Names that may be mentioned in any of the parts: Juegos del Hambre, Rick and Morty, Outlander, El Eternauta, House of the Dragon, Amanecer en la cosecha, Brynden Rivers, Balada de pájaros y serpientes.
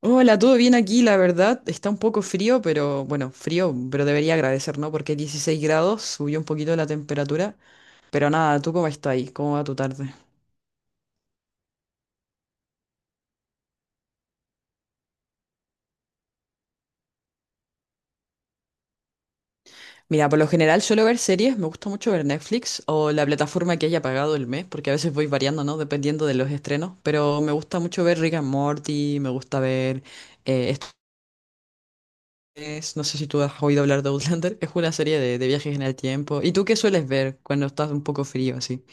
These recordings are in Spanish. Hola, todo bien aquí, la verdad. Está un poco frío, pero bueno, frío, pero debería agradecer, ¿no? Porque 16 grados, subió un poquito la temperatura. Pero nada, ¿tú cómo estás ahí? ¿Cómo va tu tarde? Mira, por lo general suelo ver series, me gusta mucho ver Netflix o la plataforma que haya pagado el mes, porque a veces voy variando, ¿no? Dependiendo de los estrenos. Pero me gusta mucho ver Rick and Morty, me gusta ver... eh, esto no sé si tú has oído hablar de Outlander, es una serie de viajes en el tiempo. ¿Y tú qué sueles ver cuando estás un poco frío así?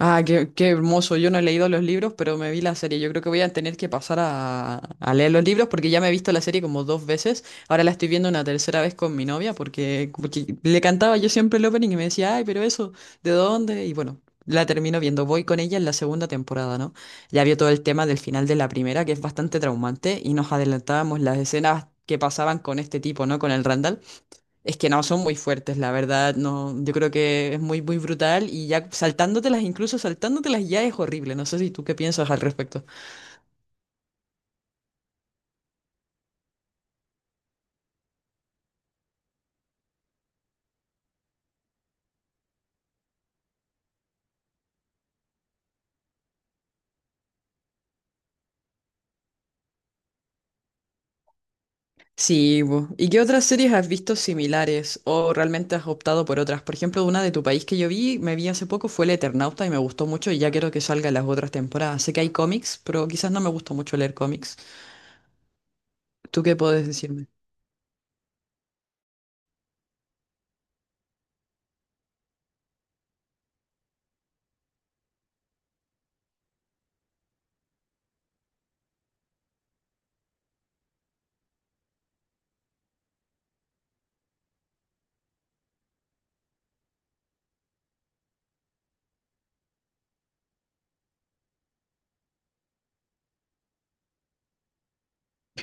Ah, qué, qué hermoso. Yo no he leído los libros, pero me vi la serie. Yo creo que voy a tener que pasar a leer los libros porque ya me he visto la serie como dos veces. Ahora la estoy viendo una tercera vez con mi novia porque, le cantaba yo siempre el opening y me decía, ay, pero eso, ¿de dónde? Y bueno, la termino viendo. Voy con ella en la segunda temporada, ¿no? Ya vio todo el tema del final de la primera, que es bastante traumante, y nos adelantábamos las escenas que pasaban con este tipo, ¿no? Con el Randall. Es que no, son muy fuertes, la verdad, no, yo creo que es muy, muy brutal y ya saltándotelas, incluso saltándotelas ya es horrible, no sé si tú qué piensas al respecto. Sí, bu. ¿Y qué otras series has visto similares o realmente has optado por otras? Por ejemplo, una de tu país que yo vi, me vi hace poco, fue El Eternauta y me gustó mucho y ya quiero que salgan las otras temporadas. Sé que hay cómics, pero quizás no me gusta mucho leer cómics. ¿Tú qué puedes decirme?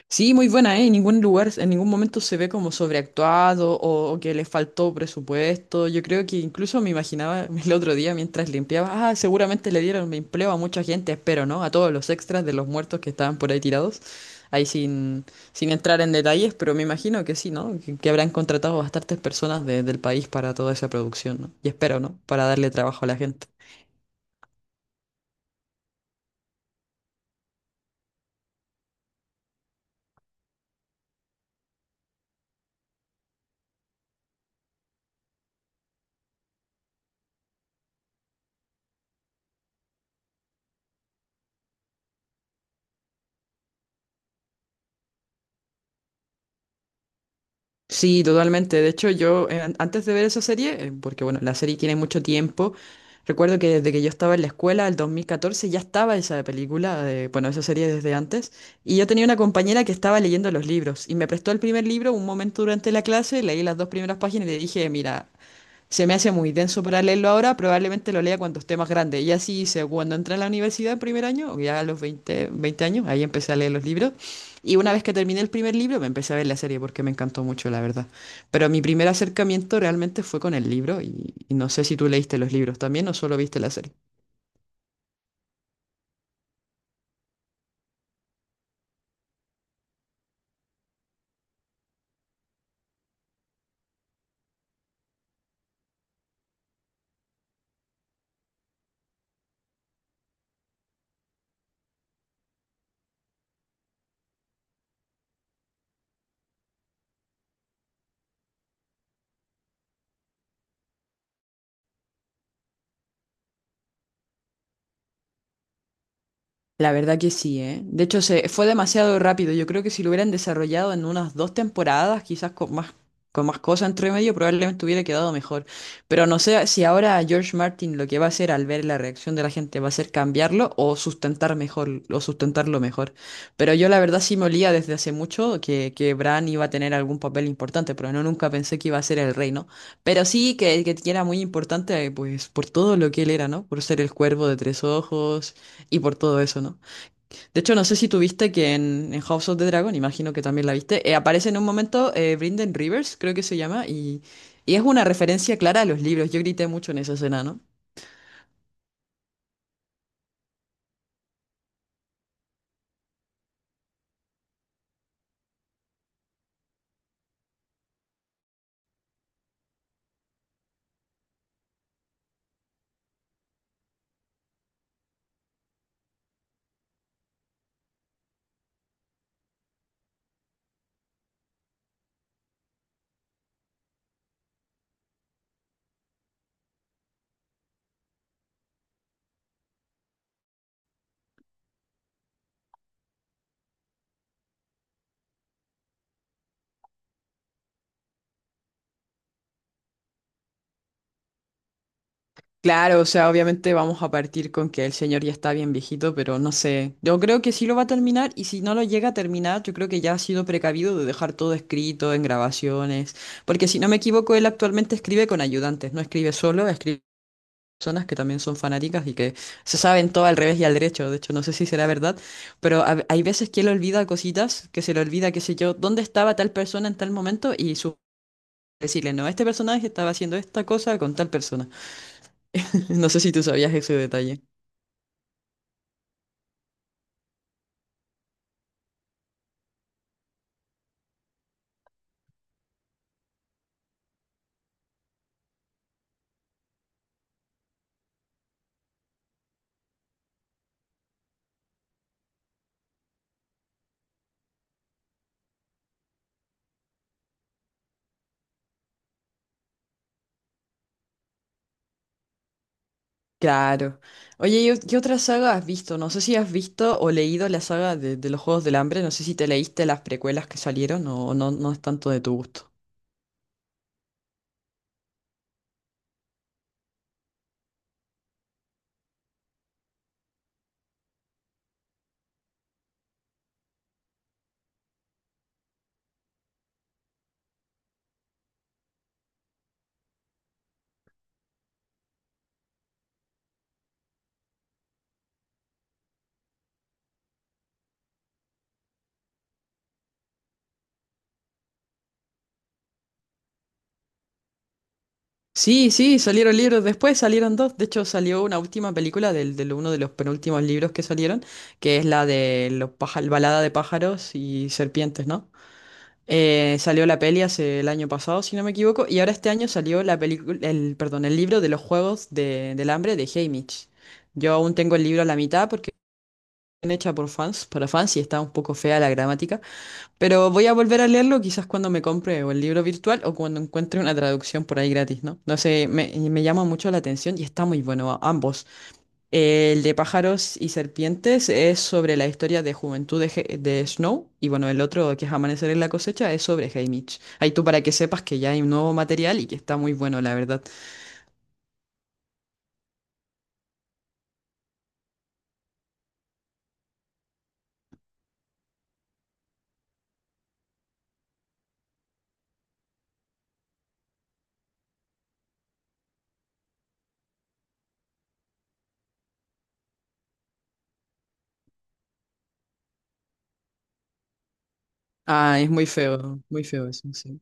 Sí, muy buena, ¿eh? En ningún lugar, en ningún momento se ve como sobreactuado o, que le faltó presupuesto. Yo creo que incluso me imaginaba el otro día mientras limpiaba, ah, seguramente le dieron empleo a mucha gente, espero, ¿no? A todos los extras de los muertos que estaban por ahí tirados. Ahí sin entrar en detalles, pero me imagino que sí, ¿no? Que, habrán contratado bastantes personas del país para toda esa producción, ¿no? Y espero, ¿no? Para darle trabajo a la gente. Sí, totalmente. De hecho, yo antes de ver esa serie, porque bueno, la serie tiene mucho tiempo, recuerdo que desde que yo estaba en la escuela, el 2014, ya estaba esa película, bueno, esa serie desde antes, y yo tenía una compañera que estaba leyendo los libros y me prestó el primer libro un momento durante la clase, leí las dos primeras páginas y le dije, mira, se me hace muy denso para leerlo ahora, probablemente lo lea cuando esté más grande. Y así hice cuando entré a la universidad en primer año, o ya a los veinte años, ahí empecé a leer los libros. Y una vez que terminé el primer libro, me empecé a ver la serie porque me encantó mucho, la verdad. Pero mi primer acercamiento realmente fue con el libro y no sé si tú leíste los libros también o solo viste la serie. La verdad que sí, ¿eh? De hecho, se fue demasiado rápido. Yo creo que si lo hubieran desarrollado en unas dos temporadas, quizás con más cosas entre medio, probablemente hubiera quedado mejor. Pero no sé si ahora George Martin lo que va a hacer al ver la reacción de la gente va a ser cambiarlo o sustentar mejor, o sustentarlo mejor. Pero yo la verdad sí me olía desde hace mucho que, Bran iba a tener algún papel importante, pero no nunca pensé que iba a ser el rey, ¿no? Pero sí que, era muy importante, pues, por todo lo que él era, ¿no? Por ser el cuervo de tres ojos y por todo eso, ¿no? De hecho, no sé si tuviste que en House of the Dragon, imagino que también la viste, aparece en un momento Brynden Rivers, creo que se llama, y, es una referencia clara a los libros. Yo grité mucho en esa escena, ¿no? Claro, o sea, obviamente vamos a partir con que el señor ya está bien viejito, pero no sé. Yo creo que sí lo va a terminar y si no lo llega a terminar, yo creo que ya ha sido precavido de dejar todo escrito en grabaciones, porque si no me equivoco, él actualmente escribe con ayudantes, no escribe solo, escribe personas que también son fanáticas y que se saben todo al revés y al derecho. De hecho, no sé si será verdad, pero hay veces que él olvida cositas, que se le olvida, qué sé yo, dónde estaba tal persona en tal momento y su decirle, no, este personaje estaba haciendo esta cosa con tal persona. No sé si tú sabías ese detalle. Claro. Oye, ¿y qué otra saga has visto? No sé si has visto o leído la saga de los Juegos del Hambre. No sé si te leíste las precuelas que salieron o no, no es tanto de tu gusto. Sí, sí, salieron libros después, salieron dos. De hecho, salió una última película del uno de los penúltimos libros que salieron, que es la de los Balada de pájaros y serpientes, ¿no? Salió la peli hace el año pasado, si no me equivoco, y ahora este año salió la película, el, perdón, el libro de los Juegos del Hambre de Haymitch. Yo aún tengo el libro a la mitad porque es hecha por fans, para fans, y está un poco fea la gramática. Pero voy a volver a leerlo quizás cuando me compre o el libro virtual o cuando encuentre una traducción por ahí gratis, ¿no? No sé, y me llama mucho la atención y está muy bueno ambos. El de pájaros y serpientes es sobre la historia de juventud de, de Snow y bueno, el otro que es Amanecer en la cosecha es sobre Haymitch. Ahí tú para que sepas que ya hay un nuevo material y que está muy bueno, la verdad. Ah, es muy feo eso, sí.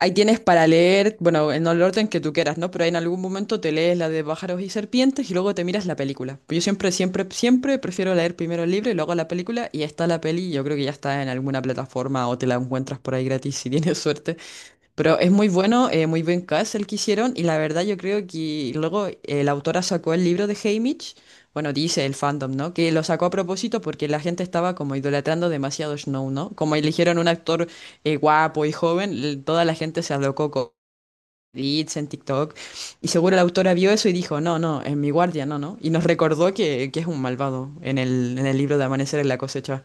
Ahí tienes para leer, bueno, en el orden que tú quieras, ¿no? Pero en algún momento te lees la de pájaros y serpientes y luego te miras la película. Pues yo siempre, siempre, siempre prefiero leer primero el libro y luego la película y está la peli. Yo creo que ya está en alguna plataforma o te la encuentras por ahí gratis si tienes suerte. Pero es muy bueno, muy buen cast el que hicieron y la verdad yo creo que luego la autora sacó el libro de Haymitch, bueno, dice el fandom, ¿no? Que lo sacó a propósito porque la gente estaba como idolatrando demasiado Snow, ¿no? Como eligieron un actor guapo y joven, toda la gente se alocó con edits en TikTok y seguro la autora vio eso y dijo, no, no, en mi guardia, no, no. Y nos recordó que, es un malvado en el libro de Amanecer en la cosecha.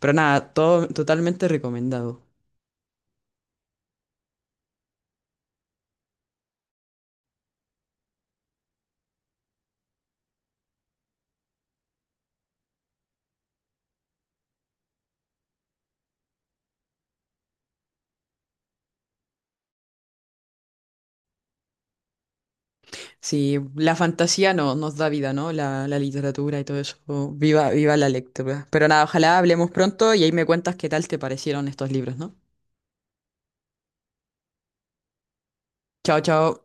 Pero nada, todo totalmente recomendado. Sí, la fantasía no, nos da vida, ¿no? La literatura y todo eso. Viva, viva la lectura. Pero nada, ojalá hablemos pronto y ahí me cuentas qué tal te parecieron estos libros, ¿no? Chao, chao.